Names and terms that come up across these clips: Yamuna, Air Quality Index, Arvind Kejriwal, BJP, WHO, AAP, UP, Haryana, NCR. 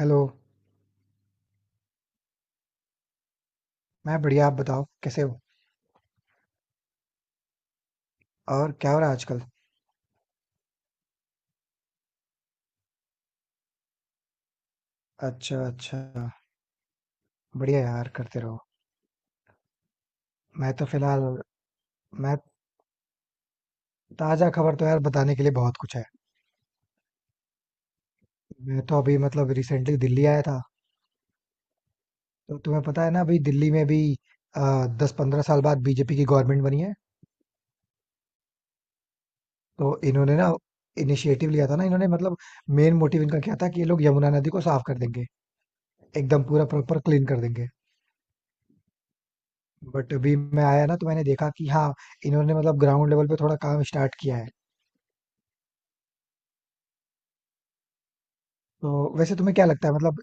Hello. मैं बढ़िया, आप बताओ कैसे हो? और क्या हो रहा है आजकल? अच्छा, अच्छा। बढ़िया यार, करते रहो। मैं तो फिलहाल। मैं ताजा खबर तो यार बताने के लिए बहुत कुछ है। मैं तो अभी मतलब रिसेंटली दिल्ली आया था। तो तुम्हें पता है ना, अभी दिल्ली में भी 10-15 साल बाद बीजेपी की गवर्नमेंट बनी है। तो इन्होंने ना इनिशिएटिव लिया था ना, इन्होंने मतलब मेन मोटिव इनका क्या था कि ये लोग यमुना नदी को साफ कर देंगे। एकदम पूरा प्रॉपर क्लीन कर देंगे। बट अभी मैं आया ना तो मैंने देखा कि हाँ, इन्होंने मतलब ग्राउंड लेवल पे थोड़ा काम स्टार्ट किया है। तो वैसे तुम्हें क्या लगता है मतलब?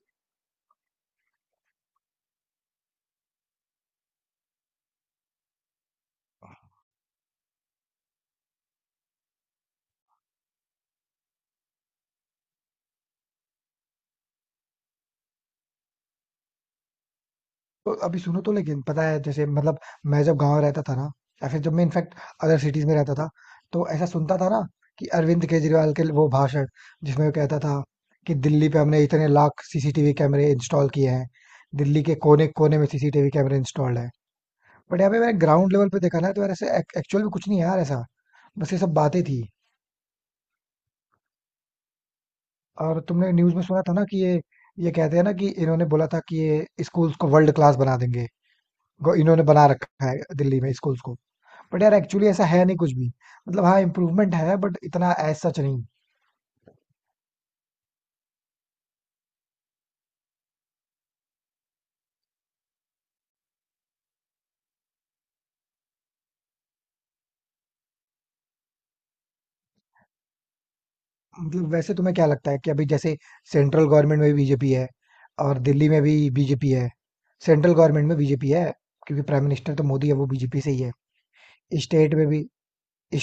तो अभी सुनो, तो लेकिन पता है जैसे मतलब मैं जब गांव रहता था ना, या फिर जब मैं इनफैक्ट अदर सिटीज में रहता था, तो ऐसा सुनता था ना कि अरविंद केजरीवाल के वो भाषण जिसमें वो कहता था कि दिल्ली पे हमने इतने लाख सीसीटीवी कैमरे इंस्टॉल किए हैं। दिल्ली के कोने कोने में सीसीटीवी कैमरे इंस्टॉल्ड है। बट यहाँ पे मैंने ग्राउंड लेवल पे देखा ना तो यार ऐसे एक्चुअल में कुछ नहीं है यार ऐसा। बस ये सब बातें थी। और तुमने न्यूज में सुना था ना कि ये कहते हैं ना कि इन्होंने बोला था कि ये स्कूल्स को वर्ल्ड क्लास बना देंगे। इन्होंने बना रखा है दिल्ली में स्कूल्स को। बट यार एक्चुअली ऐसा है नहीं कुछ भी। मतलब हाँ, इम्प्रूवमेंट है बट इतना एज सच नहीं। मतलब वैसे तुम्हें क्या लगता है कि अभी जैसे सेंट्रल गवर्नमेंट में बीजेपी है और दिल्ली में भी बीजेपी है। सेंट्रल गवर्नमेंट में बीजेपी है क्योंकि प्राइम मिनिस्टर तो मोदी है, वो बीजेपी से ही है। स्टेट में भी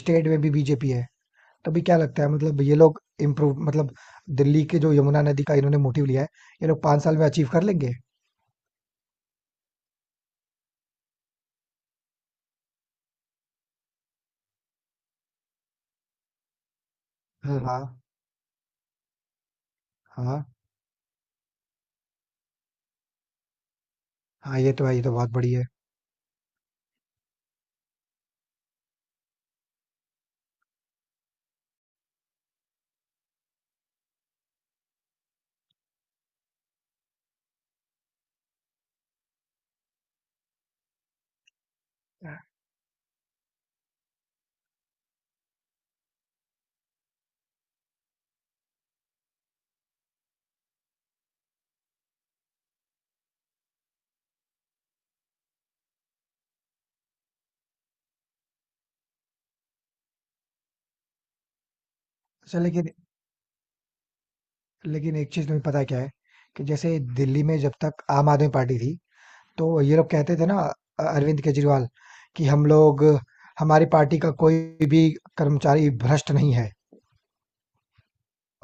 स्टेट में भी बीजेपी है। तो अभी क्या लगता है मतलब ये लोग इम्प्रूव मतलब दिल्ली के जो यमुना नदी का इन्होंने मोटिव लिया है, ये लोग 5 साल में अचीव कर लेंगे? हाँ, हाँ, हाँ, हाँ। ये तो है, ये तो बहुत बड़ी है। अच्छा, लेकिन लेकिन एक चीज तुम्हें पता है क्या है कि जैसे दिल्ली में जब तक आम आदमी पार्टी थी तो ये लोग कहते थे ना, अरविंद केजरीवाल कि हम लोग, हमारी पार्टी का कोई भी कर्मचारी भ्रष्ट नहीं है।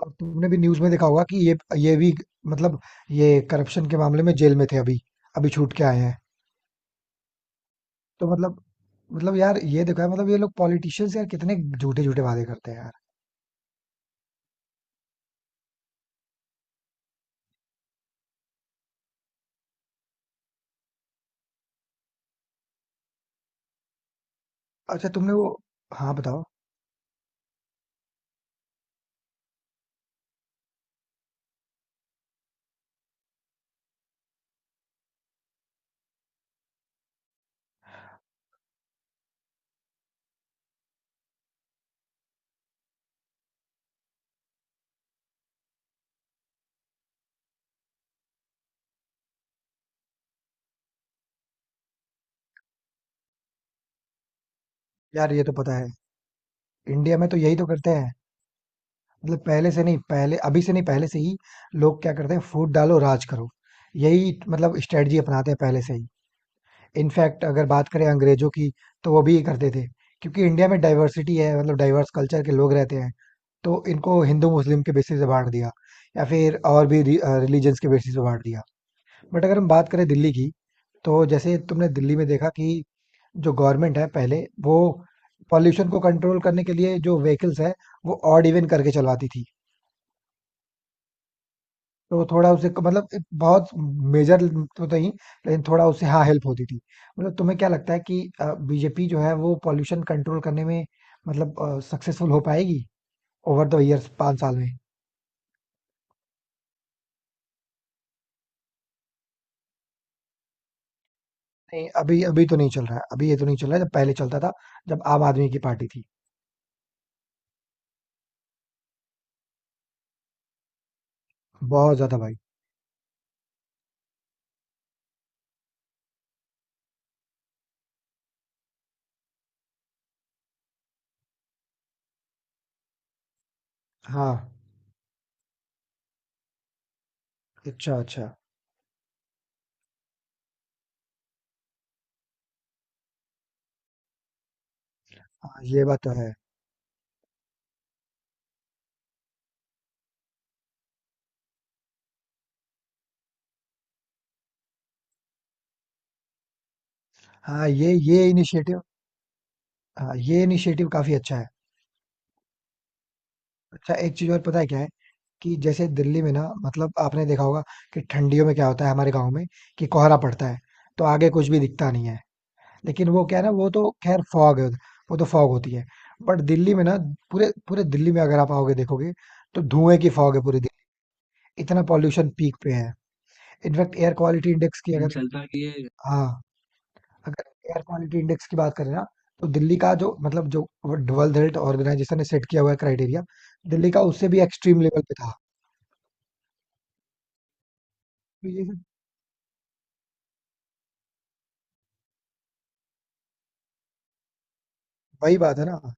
और तुमने भी न्यूज में देखा होगा कि ये भी मतलब ये करप्शन के मामले में जेल में थे। अभी अभी छूट के आए हैं। तो मतलब यार ये देखा है मतलब ये लोग पॉलिटिशियंस यार कितने झूठे झूठे वादे करते हैं यार। अच्छा तुमने वो। हाँ, बताओ। यार ये तो पता है, इंडिया में तो यही तो करते हैं। मतलब पहले से नहीं, पहले अभी से नहीं, पहले से ही लोग क्या करते हैं, फूट डालो राज करो। यही मतलब स्ट्रेटजी अपनाते हैं पहले से ही। इनफैक्ट अगर बात करें अंग्रेजों की तो वो भी ये करते थे क्योंकि इंडिया में डाइवर्सिटी है, मतलब डाइवर्स कल्चर के लोग रहते हैं। तो इनको हिंदू मुस्लिम के बेसिस पे बांट दिया, या फिर और भी रिलीजन्स के बेसिस पे बांट दिया। बट अगर हम बात करें दिल्ली की, तो जैसे तुमने दिल्ली में देखा कि जो गवर्नमेंट है पहले, वो पॉल्यूशन को कंट्रोल करने के लिए जो व्हीकल्स है वो ऑड इवन करके चलवाती थी। तो थोड़ा उसे मतलब एक बहुत मेजर तो नहीं, लेकिन थोड़ा उसे हाँ हेल्प होती थी। मतलब तुम्हें क्या लगता है कि बीजेपी जो है वो पॉल्यूशन कंट्रोल करने में मतलब सक्सेसफुल हो पाएगी ओवर द इयर्स 5 साल में? नहीं, अभी अभी तो नहीं चल रहा है, अभी ये तो नहीं चल रहा है। जब पहले चलता था, जब आम आदमी की पार्टी थी। बहुत ज्यादा भाई। हाँ, अच्छा, अच्छा। हाँ, ये बात तो है। हाँ ये इनिशिएटिव। हाँ ये इनिशिएटिव काफी अच्छा है। अच्छा एक चीज और पता है क्या है कि जैसे दिल्ली में ना मतलब आपने देखा होगा कि ठंडियों में क्या होता है हमारे गांव में, कि कोहरा पड़ता है। तो आगे कुछ भी दिखता नहीं है। लेकिन वो क्या है ना, वो तो खैर फॉग है उधर, वो तो फॉग होती है। बट दिल्ली में ना पूरे पूरे दिल्ली में अगर आप आओगे देखोगे तो धुएं की फॉग है पूरी दिल्ली। इतना पॉल्यूशन पीक पे है। इनफैक्ट एयर क्वालिटी इंडेक्स की अगर चलता कि ये, हाँ, अगर एयर क्वालिटी इंडेक्स की बात करें ना, तो दिल्ली का जो मतलब जो वर्ल्ड हेल्थ ऑर्गेनाइजेशन ने सेट किया हुआ है क्राइटेरिया, दिल्ली का उससे भी एक्सट्रीम लेवल पे था। तो ये सब वही बात है ना। अच्छा।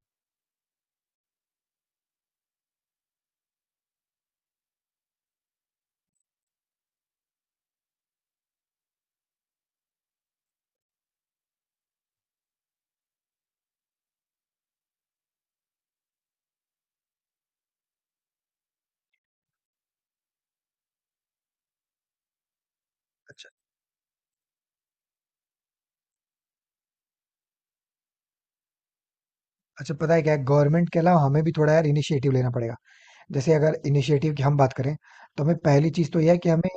अच्छा पता है क्या है, गवर्नमेंट के अलावा हमें भी थोड़ा यार इनिशिएटिव लेना पड़ेगा। जैसे अगर इनिशिएटिव की हम बात करें, तो हमें पहली चीज तो यह है कि हमें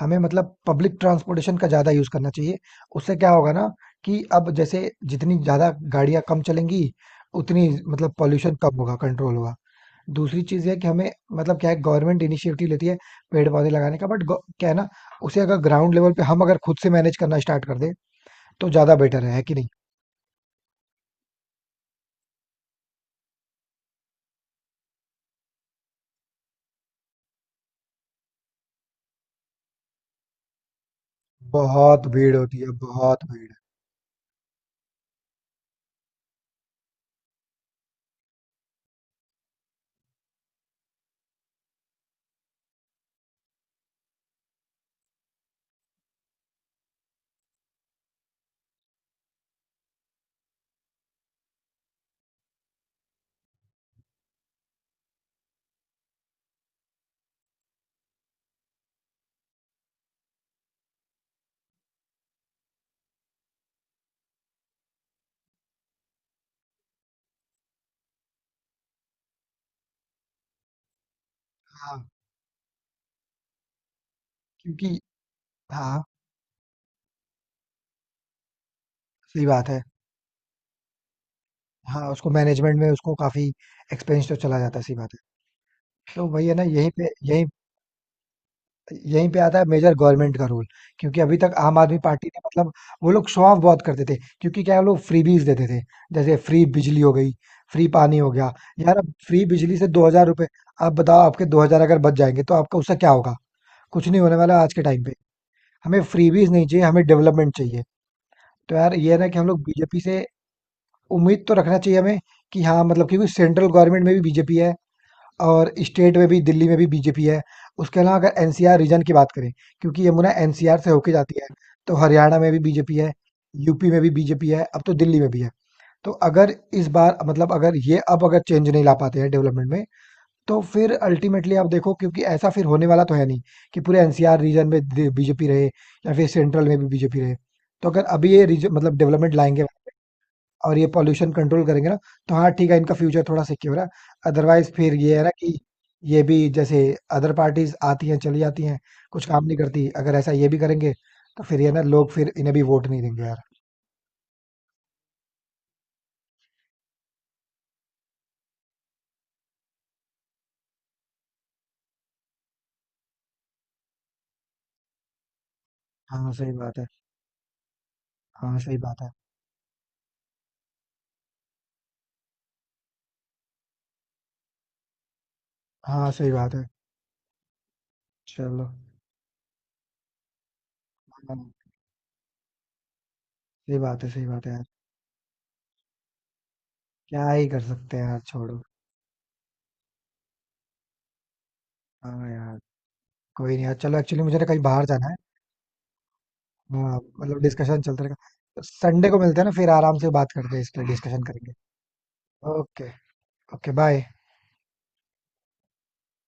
हमें मतलब पब्लिक ट्रांसपोर्टेशन का ज्यादा यूज करना चाहिए। उससे क्या होगा ना कि अब जैसे जितनी ज्यादा गाड़ियां कम चलेंगी, उतनी मतलब पॉल्यूशन कम होगा, कंट्रोल होगा। दूसरी चीज है कि हमें मतलब क्या है, गवर्नमेंट इनिशिएटिव लेती है पेड़ पौधे लगाने का, बट क्या है ना, उसे अगर ग्राउंड लेवल पे हम अगर खुद से मैनेज करना स्टार्ट कर दें तो ज्यादा बेटर है कि नहीं? बहुत भीड़ होती है, बहुत भीड़। हाँ। क्योंकि हाँ, सही बात है। हाँ, उसको मैनेजमेंट में उसको काफ़ी एक्सपेंस तो चला जाता है, सही बात है। तो वही है ना, यहीं पे यहीं यहीं पे आता है मेजर गवर्नमेंट का रोल। क्योंकि अभी तक आम आदमी पार्टी ने मतलब वो लोग शो ऑफ बहुत करते थे, क्योंकि क्या है, वो लोग फ्रीबीज देते थे। जैसे फ्री बिजली हो गई, फ्री पानी हो गया। यार अब फ्री बिजली से ₹2000, आप बताओ आपके 2000 अगर बच जाएँगे तो आपका उससे क्या होगा? कुछ नहीं होने वाला आज के टाइम पे। हमें फ्रीबीज नहीं चाहिए, हमें डेवलपमेंट चाहिए। तो यार ये है ना कि हम लोग बीजेपी से उम्मीद तो रखना चाहिए हमें कि हाँ मतलब, क्योंकि सेंट्रल गवर्नमेंट में भी बीजेपी है और स्टेट में भी, दिल्ली में भी बीजेपी है। उसके अलावा अगर एनसीआर रीजन की बात करें, क्योंकि यमुना एनसीआर से होके जाती है, तो हरियाणा में भी बीजेपी है, यूपी में भी बीजेपी है, अब तो दिल्ली में भी है। तो अगर इस बार मतलब अगर ये अब अगर चेंज नहीं ला पाते हैं डेवलपमेंट में, तो फिर अल्टीमेटली आप देखो, क्योंकि ऐसा फिर होने वाला तो है नहीं कि पूरे एनसीआर रीजन में बीजेपी रहे या फिर सेंट्रल में भी बीजेपी रहे। तो अगर अभी ये मतलब डेवलपमेंट लाएंगे और ये पॉल्यूशन कंट्रोल करेंगे ना, तो हाँ ठीक है, इनका फ्यूचर थोड़ा सिक्योर है। अदरवाइज फिर ये है ना कि ये भी जैसे अदर पार्टीज आती हैं चली जाती हैं, कुछ काम नहीं करती, अगर ऐसा ये भी करेंगे तो फिर ये ना, लोग फिर इन्हें भी वोट नहीं देंगे यार। हाँ, सही बात है। हाँ, सही बात है। हाँ, सही बात है, चलो। हाँ, सही बात है, सही बात है यार। क्या ही कर सकते हैं यार, छोड़ो। हाँ यार। कोई नहीं यार, चलो एक्चुअली मुझे ना कहीं बाहर जाना है। हाँ मतलब डिस्कशन चलते रहेगा, संडे को मिलते हैं ना, फिर आराम से बात करते हैं, इस पर डिस्कशन करेंगे। ओके। Okay, bye.